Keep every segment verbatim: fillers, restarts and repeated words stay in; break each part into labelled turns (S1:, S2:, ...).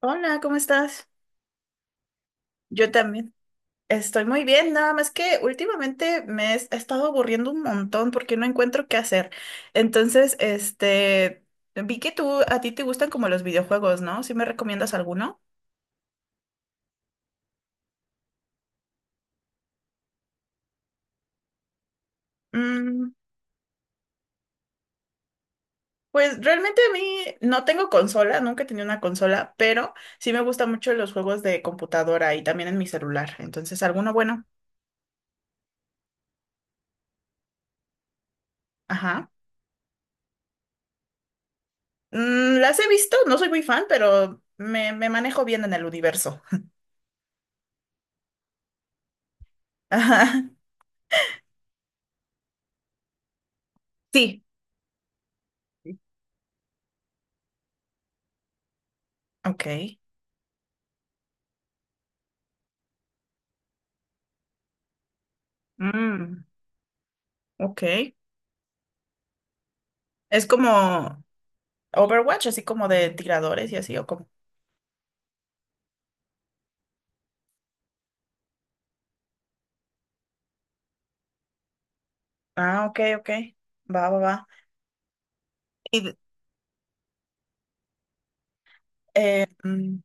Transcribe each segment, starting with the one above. S1: Hola, ¿cómo estás? Yo también. Estoy muy bien, nada más que últimamente me he he estado aburriendo un montón porque no encuentro qué hacer. Entonces, este, vi que tú, a ti te gustan como los videojuegos, ¿no? ¿Sí me recomiendas alguno? Mm, pues realmente a mí no tengo consola, nunca he tenido una consola, pero sí me gustan mucho los juegos de computadora y también en mi celular. Entonces, alguno bueno. Ajá. Mm, las he visto, no soy muy fan, pero me, me manejo bien en el universo. Ajá. Sí, ok. Mm, ok. Es como Overwatch, así como de tiradores y así, o como. Ah, ok, ok. Va, va, va. Y, eh, mm,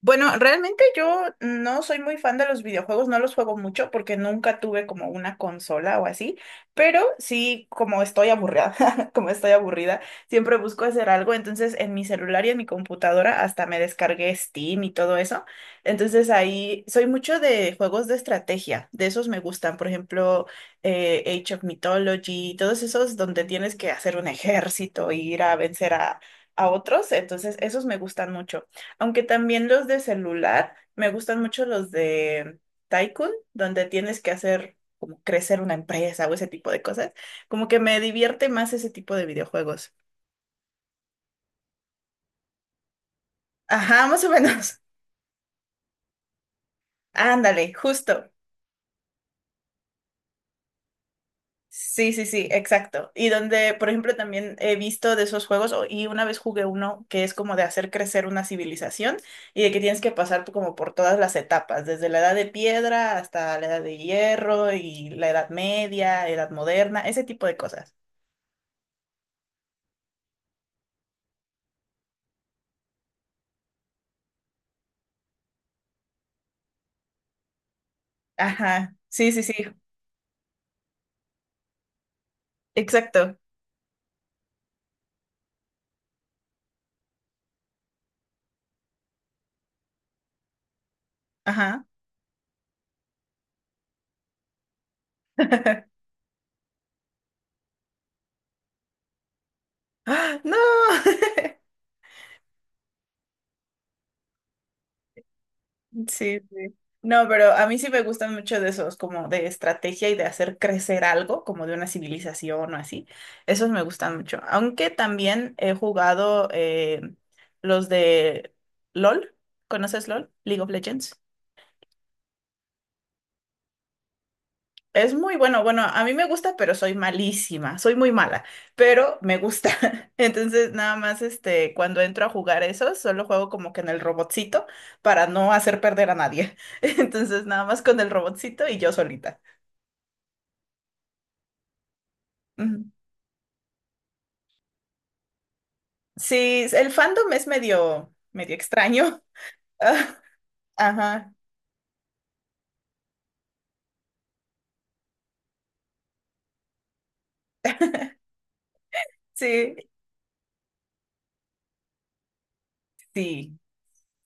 S1: bueno, realmente yo no soy muy fan de los videojuegos, no los juego mucho porque nunca tuve como una consola o así, pero sí, como estoy aburrida, como estoy aburrida, siempre busco hacer algo, entonces en mi celular y en mi computadora hasta me descargué Steam y todo eso, entonces ahí soy mucho de juegos de estrategia, de esos me gustan, por ejemplo, eh, Age of Mythology, todos esos donde tienes que hacer un ejército e ir a vencer a... a otros, entonces esos me gustan mucho. Aunque también los de celular, me gustan mucho los de Tycoon, donde tienes que hacer como crecer una empresa o ese tipo de cosas. Como que me divierte más ese tipo de videojuegos. Ajá, más o menos. Ándale, justo. Sí, sí, sí, exacto. Y donde, por ejemplo, también he visto de esos juegos, o- y una vez jugué uno que es como de hacer crecer una civilización y de que tienes que pasar por- como por todas las etapas, desde la edad de piedra hasta la edad de hierro y la edad media, edad moderna, ese tipo de cosas. Ajá, sí, sí, sí, exacto. Ajá. ¡Ah! ¡No! Sí, sí. No, pero a mí sí me gustan mucho de esos, como de estrategia y de hacer crecer algo, como de una civilización o así. Esos me gustan mucho. Aunque también he jugado eh, los de L O L. ¿Conoces L O L? League of Legends. Es muy bueno, bueno, a mí me gusta, pero soy malísima, soy muy mala, pero me gusta. Entonces, nada más, este, cuando entro a jugar eso, solo juego como que en el robotcito para no hacer perder a nadie. Entonces, nada más con el robotcito y yo solita. Ujú. Sí, el fandom es medio, medio extraño. Ajá, sí, sí.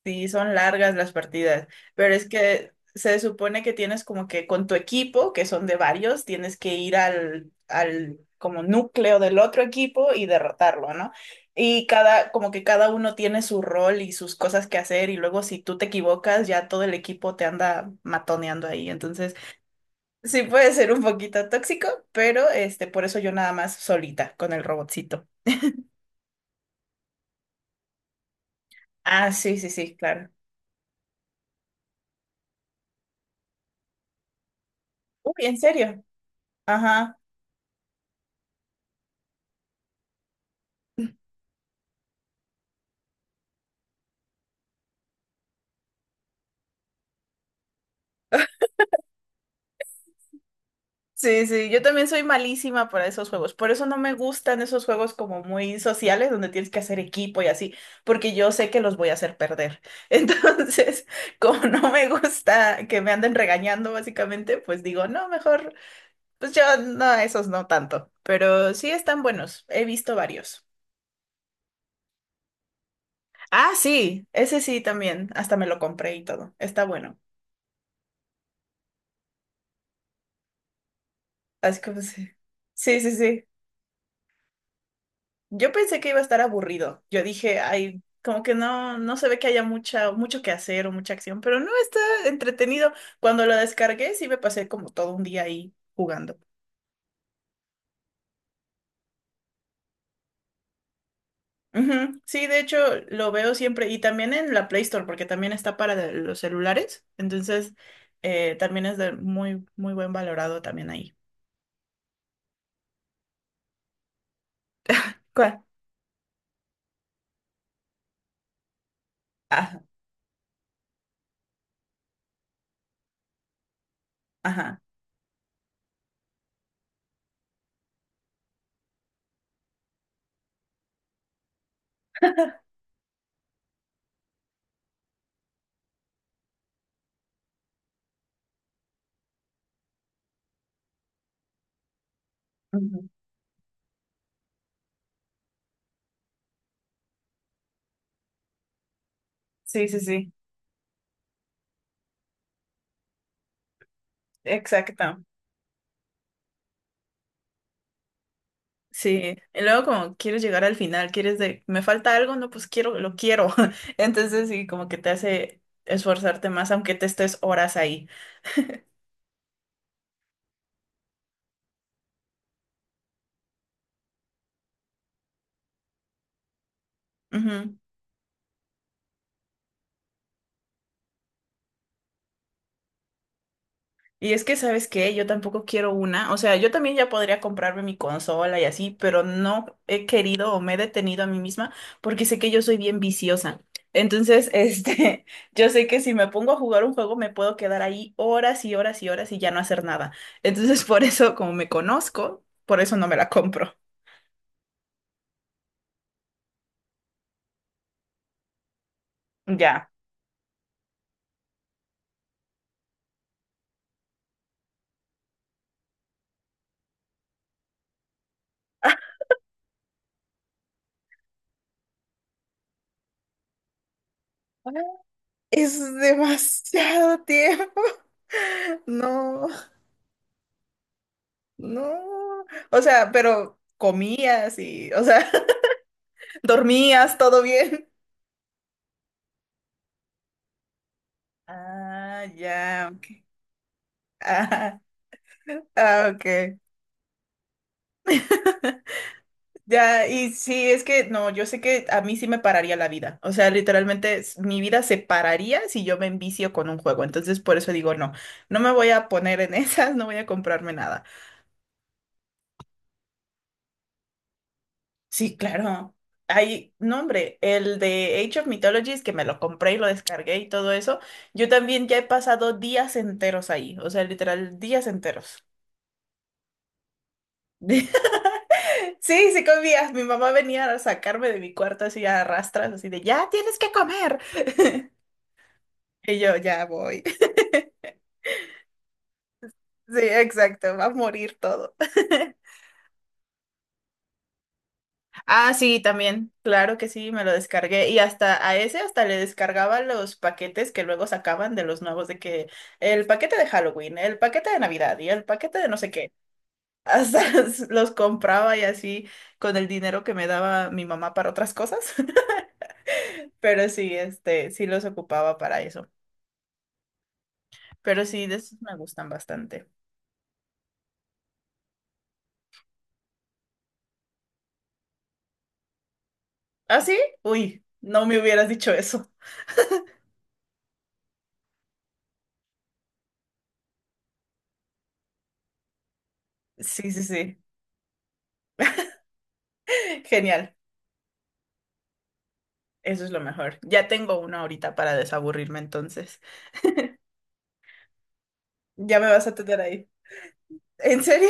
S1: Sí, son largas las partidas, pero es que se supone que tienes como que con tu equipo, que son de varios, tienes que ir al, al como núcleo del otro equipo y derrotarlo, ¿no? Y cada, como que cada uno tiene su rol y sus cosas que hacer, y luego si tú te equivocas, ya todo el equipo te anda matoneando ahí. Entonces, sí puede ser un poquito tóxico, pero este, por eso yo nada más solita con el robotcito. Ah, sí, sí, sí, claro. Uy, ¿en serio? Ajá. Sí, sí, yo también soy malísima para esos juegos. Por eso no me gustan esos juegos como muy sociales, donde tienes que hacer equipo y así, porque yo sé que los voy a hacer perder. Entonces, como no me gusta que me anden regañando, básicamente, pues digo, no, mejor, pues yo no, esos no tanto. Pero sí están buenos, he visto varios. Ah, sí, ese sí también, hasta me lo compré y todo, está bueno. Así que pues, sí, sí, sí. sí. Yo pensé que iba a estar aburrido. Yo dije, ay, como que no, no se ve que haya mucha, mucho que hacer o mucha acción, pero no está entretenido. Cuando lo descargué, sí me pasé como todo un día ahí jugando. Ujú, sí, de hecho, lo veo siempre y también en la Play Store, porque también está para de- los celulares. Entonces, eh, también es de muy, muy buen valorado también ahí. ¿Cuál? Ah, ajá. Ujú. Sí, sí, sí. Exacto. Sí, y luego como quieres llegar al final, quieres de, me falta algo, no, pues quiero, lo quiero. Entonces sí, como que te hace esforzarte más, aunque te estés horas ahí. Ujú. Y es que, ¿sabes qué? Yo tampoco quiero una. O sea, yo también ya podría comprarme mi consola y así, pero no he querido o me he detenido a mí misma porque sé que yo soy bien viciosa. Entonces, este, yo sé que si me pongo a jugar un juego me puedo quedar ahí horas y horas y horas y ya no hacer nada. Entonces, por eso, como me conozco, por eso no me la compro. Ya. Es demasiado tiempo. No, no. O sea, pero comías y, o sea, dormías, todo bien. Ah, ya, ok. Ah, ah, ok. Ya, y sí, es que no, yo sé que a mí sí me pararía la vida. O sea, literalmente s- mi vida se pararía si yo me envicio con un juego. Entonces, por eso digo, no, no me voy a poner en esas, no voy a comprarme nada. Sí, claro. Hay, no, hombre, el de Age of Mythologies que me lo compré y lo descargué y todo eso, yo también ya he pasado días enteros ahí, o sea, literal, días enteros. Sí, sí comías. Mi mamá venía a sacarme de mi cuarto así a rastras, así de, ya tienes que comer. Y yo, ya voy. Sí, exacto, va a morir todo. Ah, sí, también, claro que sí, me lo descargué. Y hasta a ese hasta le descargaba los paquetes que luego sacaban de los nuevos, de que el paquete de Halloween, el paquete de Navidad y el paquete de no sé qué. Hasta los los compraba y así con el dinero que me daba mi mamá para otras cosas. Pero sí, este, sí los ocupaba para eso. Pero sí, de esos me gustan bastante. ¿Ah, sí? Uy, no me hubieras dicho eso. Sí, sí, sí. Genial. Eso es lo mejor. Ya tengo uno ahorita para desaburrirme entonces. Ya me vas a tener ahí. ¿En serio?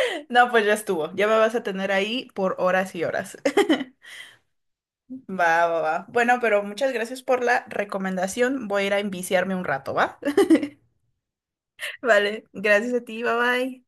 S1: No, pues ya estuvo. Ya me vas a tener ahí por horas y horas. Va, va, va. Bueno, pero muchas gracias por la recomendación. Voy a ir a enviciarme un rato, ¿va? Vale, gracias a ti, bye bye.